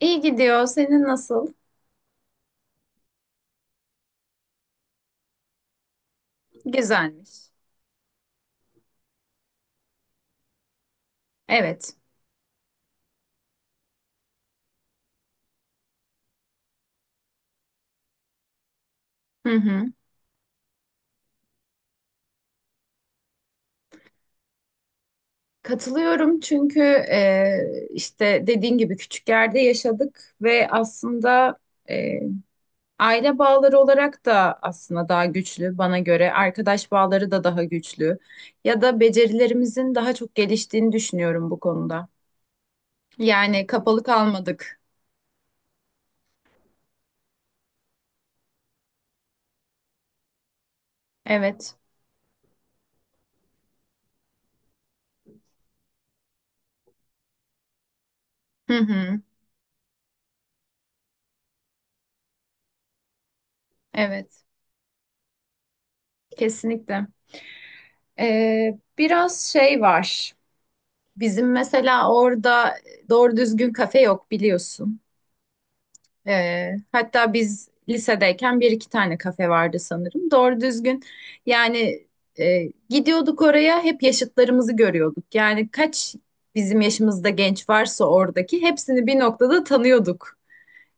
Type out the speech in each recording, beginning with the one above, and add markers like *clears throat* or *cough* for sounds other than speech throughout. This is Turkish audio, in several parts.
İyi gidiyor. Senin nasıl? Güzelmiş. Evet. Hı hı. Katılıyorum çünkü işte dediğin gibi küçük yerde yaşadık ve aslında e, aile bağları olarak da aslında daha güçlü bana göre. Arkadaş bağları da daha güçlü. Ya da becerilerimizin daha çok geliştiğini düşünüyorum bu konuda. Yani kapalı kalmadık. Evet. Hı hı. Evet. Kesinlikle. Biraz şey var. Bizim mesela orada doğru düzgün kafe yok biliyorsun. Hatta biz lisedeyken bir iki tane kafe vardı sanırım. Doğru düzgün yani gidiyorduk oraya hep yaşıtlarımızı görüyorduk. Yani kaç bizim yaşımızda genç varsa oradaki hepsini bir noktada tanıyorduk.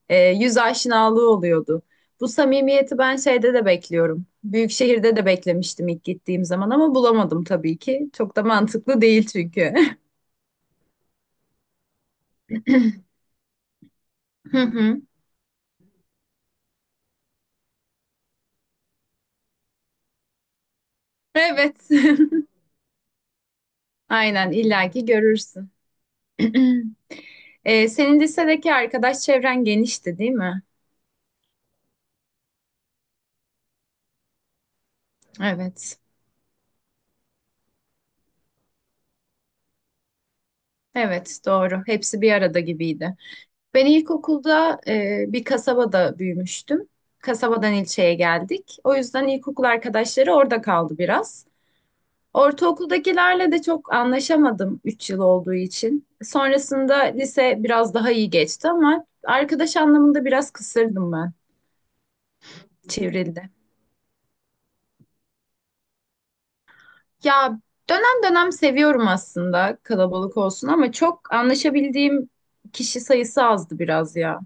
Yüz aşinalığı oluyordu. Bu samimiyeti ben şeyde de bekliyorum. Büyük şehirde de beklemiştim ilk gittiğim zaman ama bulamadım tabii ki. Çok da mantıklı değil çünkü. *laughs* Hı hı. Evet. *laughs* Aynen illaki görürsün. *clears throat* Senin lisedeki arkadaş çevren genişti, değil mi? Evet. Evet, doğru. Hepsi bir arada gibiydi. Ben ilkokulda bir kasabada büyümüştüm. Kasabadan ilçeye geldik. O yüzden ilkokul arkadaşları orada kaldı biraz. Ortaokuldakilerle de çok anlaşamadım 3 yıl olduğu için. Sonrasında lise biraz daha iyi geçti ama arkadaş anlamında biraz kısırdım ben. Çevrildi. Ya dönem dönem seviyorum aslında kalabalık olsun ama çok anlaşabildiğim kişi sayısı azdı biraz ya.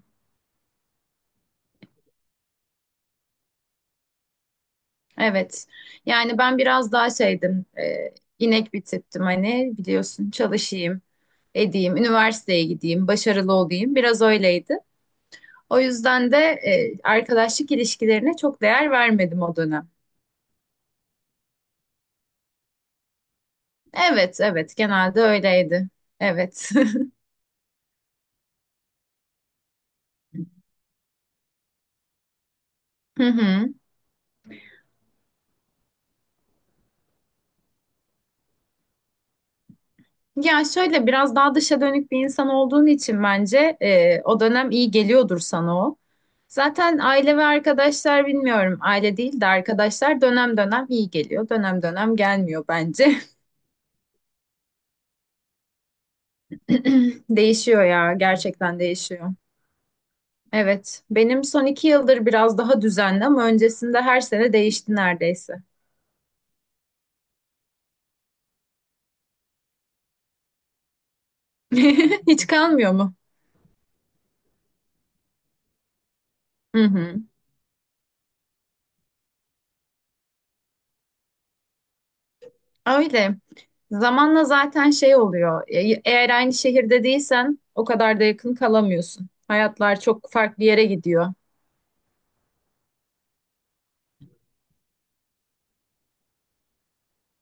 Evet. Yani ben biraz daha şeydim. İnek bir tiptim hani biliyorsun çalışayım, edeyim, üniversiteye gideyim, başarılı olayım. Biraz öyleydi. O yüzden de arkadaşlık ilişkilerine çok değer vermedim o dönem. Evet, evet genelde öyleydi. Evet. *laughs* Hı hı. Ya şöyle biraz daha dışa dönük bir insan olduğun için bence o dönem iyi geliyordur sana o. Zaten aile ve arkadaşlar bilmiyorum aile değil de arkadaşlar dönem dönem iyi geliyor dönem dönem gelmiyor bence. *clears throat* Değişiyor ya gerçekten değişiyor. Evet benim son iki yıldır biraz daha düzenli ama öncesinde her sene değişti neredeyse. *laughs* Hiç kalmıyor mu? Hı hı. Öyle. Zamanla zaten şey oluyor. Eğer aynı şehirde değilsen o kadar da yakın kalamıyorsun. Hayatlar çok farklı yere gidiyor.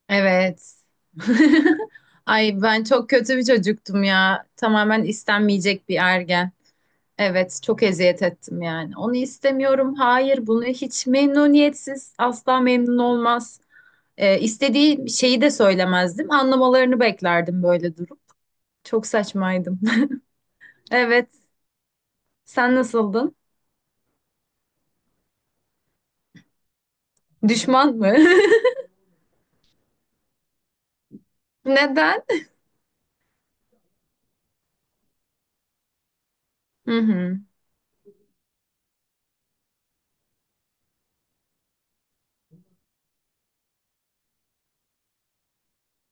Evet. *laughs* Ay ben çok kötü bir çocuktum ya. Tamamen istenmeyecek bir ergen. Evet, çok eziyet ettim yani. Onu istemiyorum. Hayır, bunu hiç memnuniyetsiz. Asla memnun olmaz. İstediği şeyi de söylemezdim. Anlamalarını beklerdim böyle durup. Çok saçmaydım. *laughs* Evet. Sen nasıldın? Düşman mı? *laughs* Neden? Hı hı.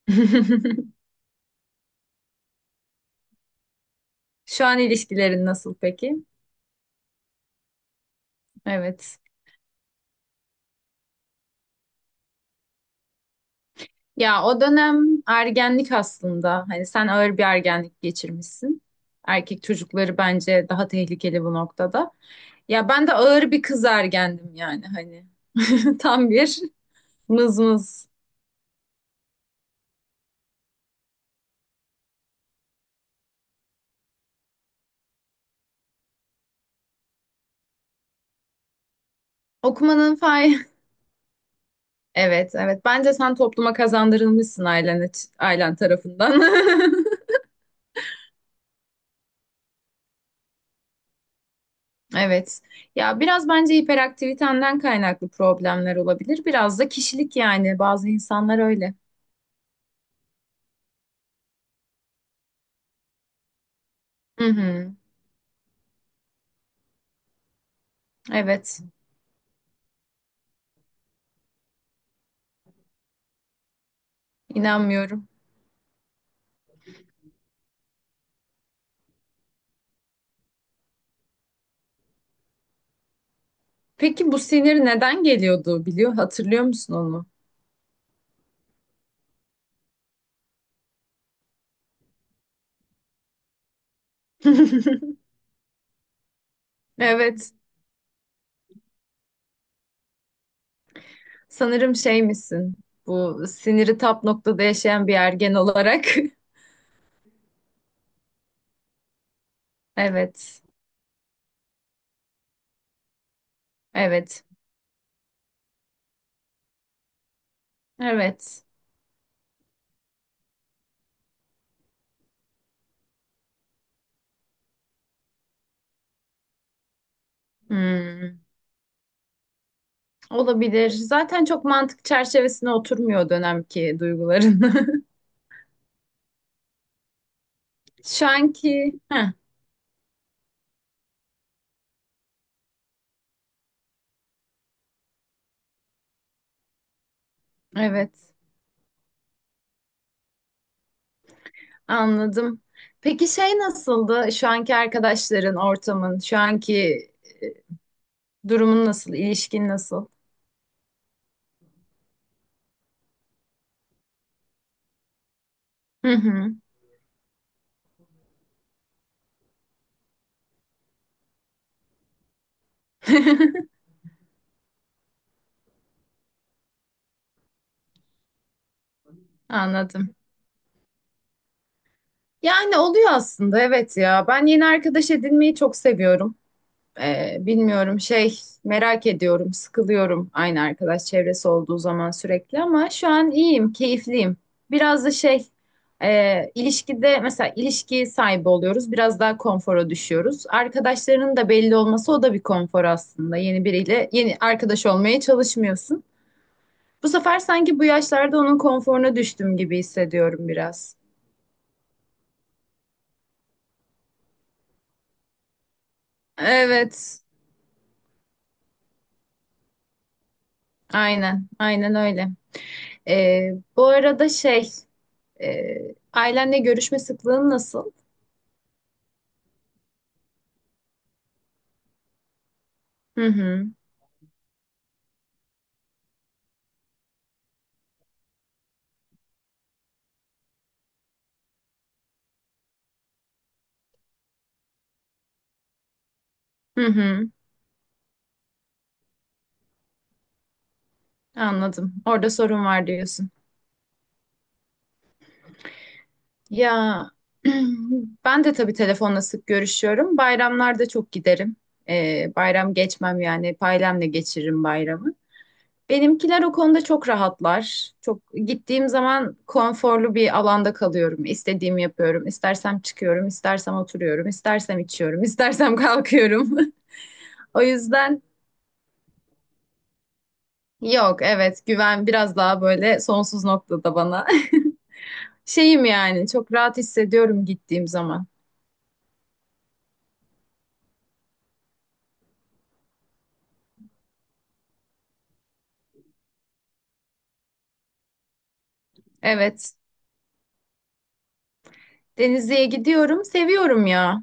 *laughs* Şu an ilişkilerin nasıl peki? Evet. Ya o dönem ergenlik aslında. Hani sen ağır bir ergenlik geçirmişsin. Erkek çocukları bence daha tehlikeli bu noktada. Ya ben de ağır bir kız ergendim yani hani. *laughs* Tam bir mızmız. Okumanın fay. *laughs* Evet, evet. Bence sen topluma kazandırılmışsın ailen, ailen tarafından. *laughs* Evet. Ya biraz bence hiperaktivitenden kaynaklı problemler olabilir. Biraz da kişilik yani. Bazı insanlar öyle. Hı hı. Evet. İnanmıyorum. Peki bu sinir neden geliyordu biliyor? Hatırlıyor musun onu? *laughs* Evet. Sanırım şey misin? Bu siniri tap noktada yaşayan bir ergen olarak. *laughs* Evet. Evet. Evet. Hmm. Olabilir. Zaten çok mantık çerçevesine oturmuyor o dönemki duyguların. *laughs* Şu anki... Heh. Evet. Anladım. Peki şey nasıldı? Şu anki arkadaşların, ortamın, şu anki durumun nasıl, ilişkin nasıl? Hı hı. *laughs* Anladım. Yani oluyor aslında evet ya. Ben yeni arkadaş edinmeyi çok seviyorum. Bilmiyorum şey merak ediyorum, sıkılıyorum aynı arkadaş çevresi olduğu zaman sürekli ama şu an iyiyim, keyifliyim. Biraz da şey ilişkide mesela ilişki sahibi oluyoruz, biraz daha konfora düşüyoruz. Arkadaşlarının da belli olması o da bir konfor aslında. Yeni biriyle yeni arkadaş olmaya çalışmıyorsun. Bu sefer sanki bu yaşlarda onun konforuna düştüm gibi hissediyorum biraz. Evet, aynen, aynen öyle. Ee, Bu arada şey. Ailenle görüşme sıklığın nasıl? Hı hı. Hı hı. Anladım. Orada sorun var diyorsun. Ya *clears throat* ben de tabii telefonla sık görüşüyorum. Bayramlarda çok giderim. Bayram geçmem yani. Hep ailemle geçiririm bayramı. Benimkiler o konuda çok rahatlar. Çok gittiğim zaman konforlu bir alanda kalıyorum. İstediğimi yapıyorum. İstersem çıkıyorum, istersem oturuyorum, istersem içiyorum, istersem kalkıyorum. *laughs* O yüzden Yok evet güven biraz daha böyle sonsuz noktada bana. *laughs* Şeyim yani çok rahat hissediyorum gittiğim zaman. Evet Denizli'ye gidiyorum seviyorum ya.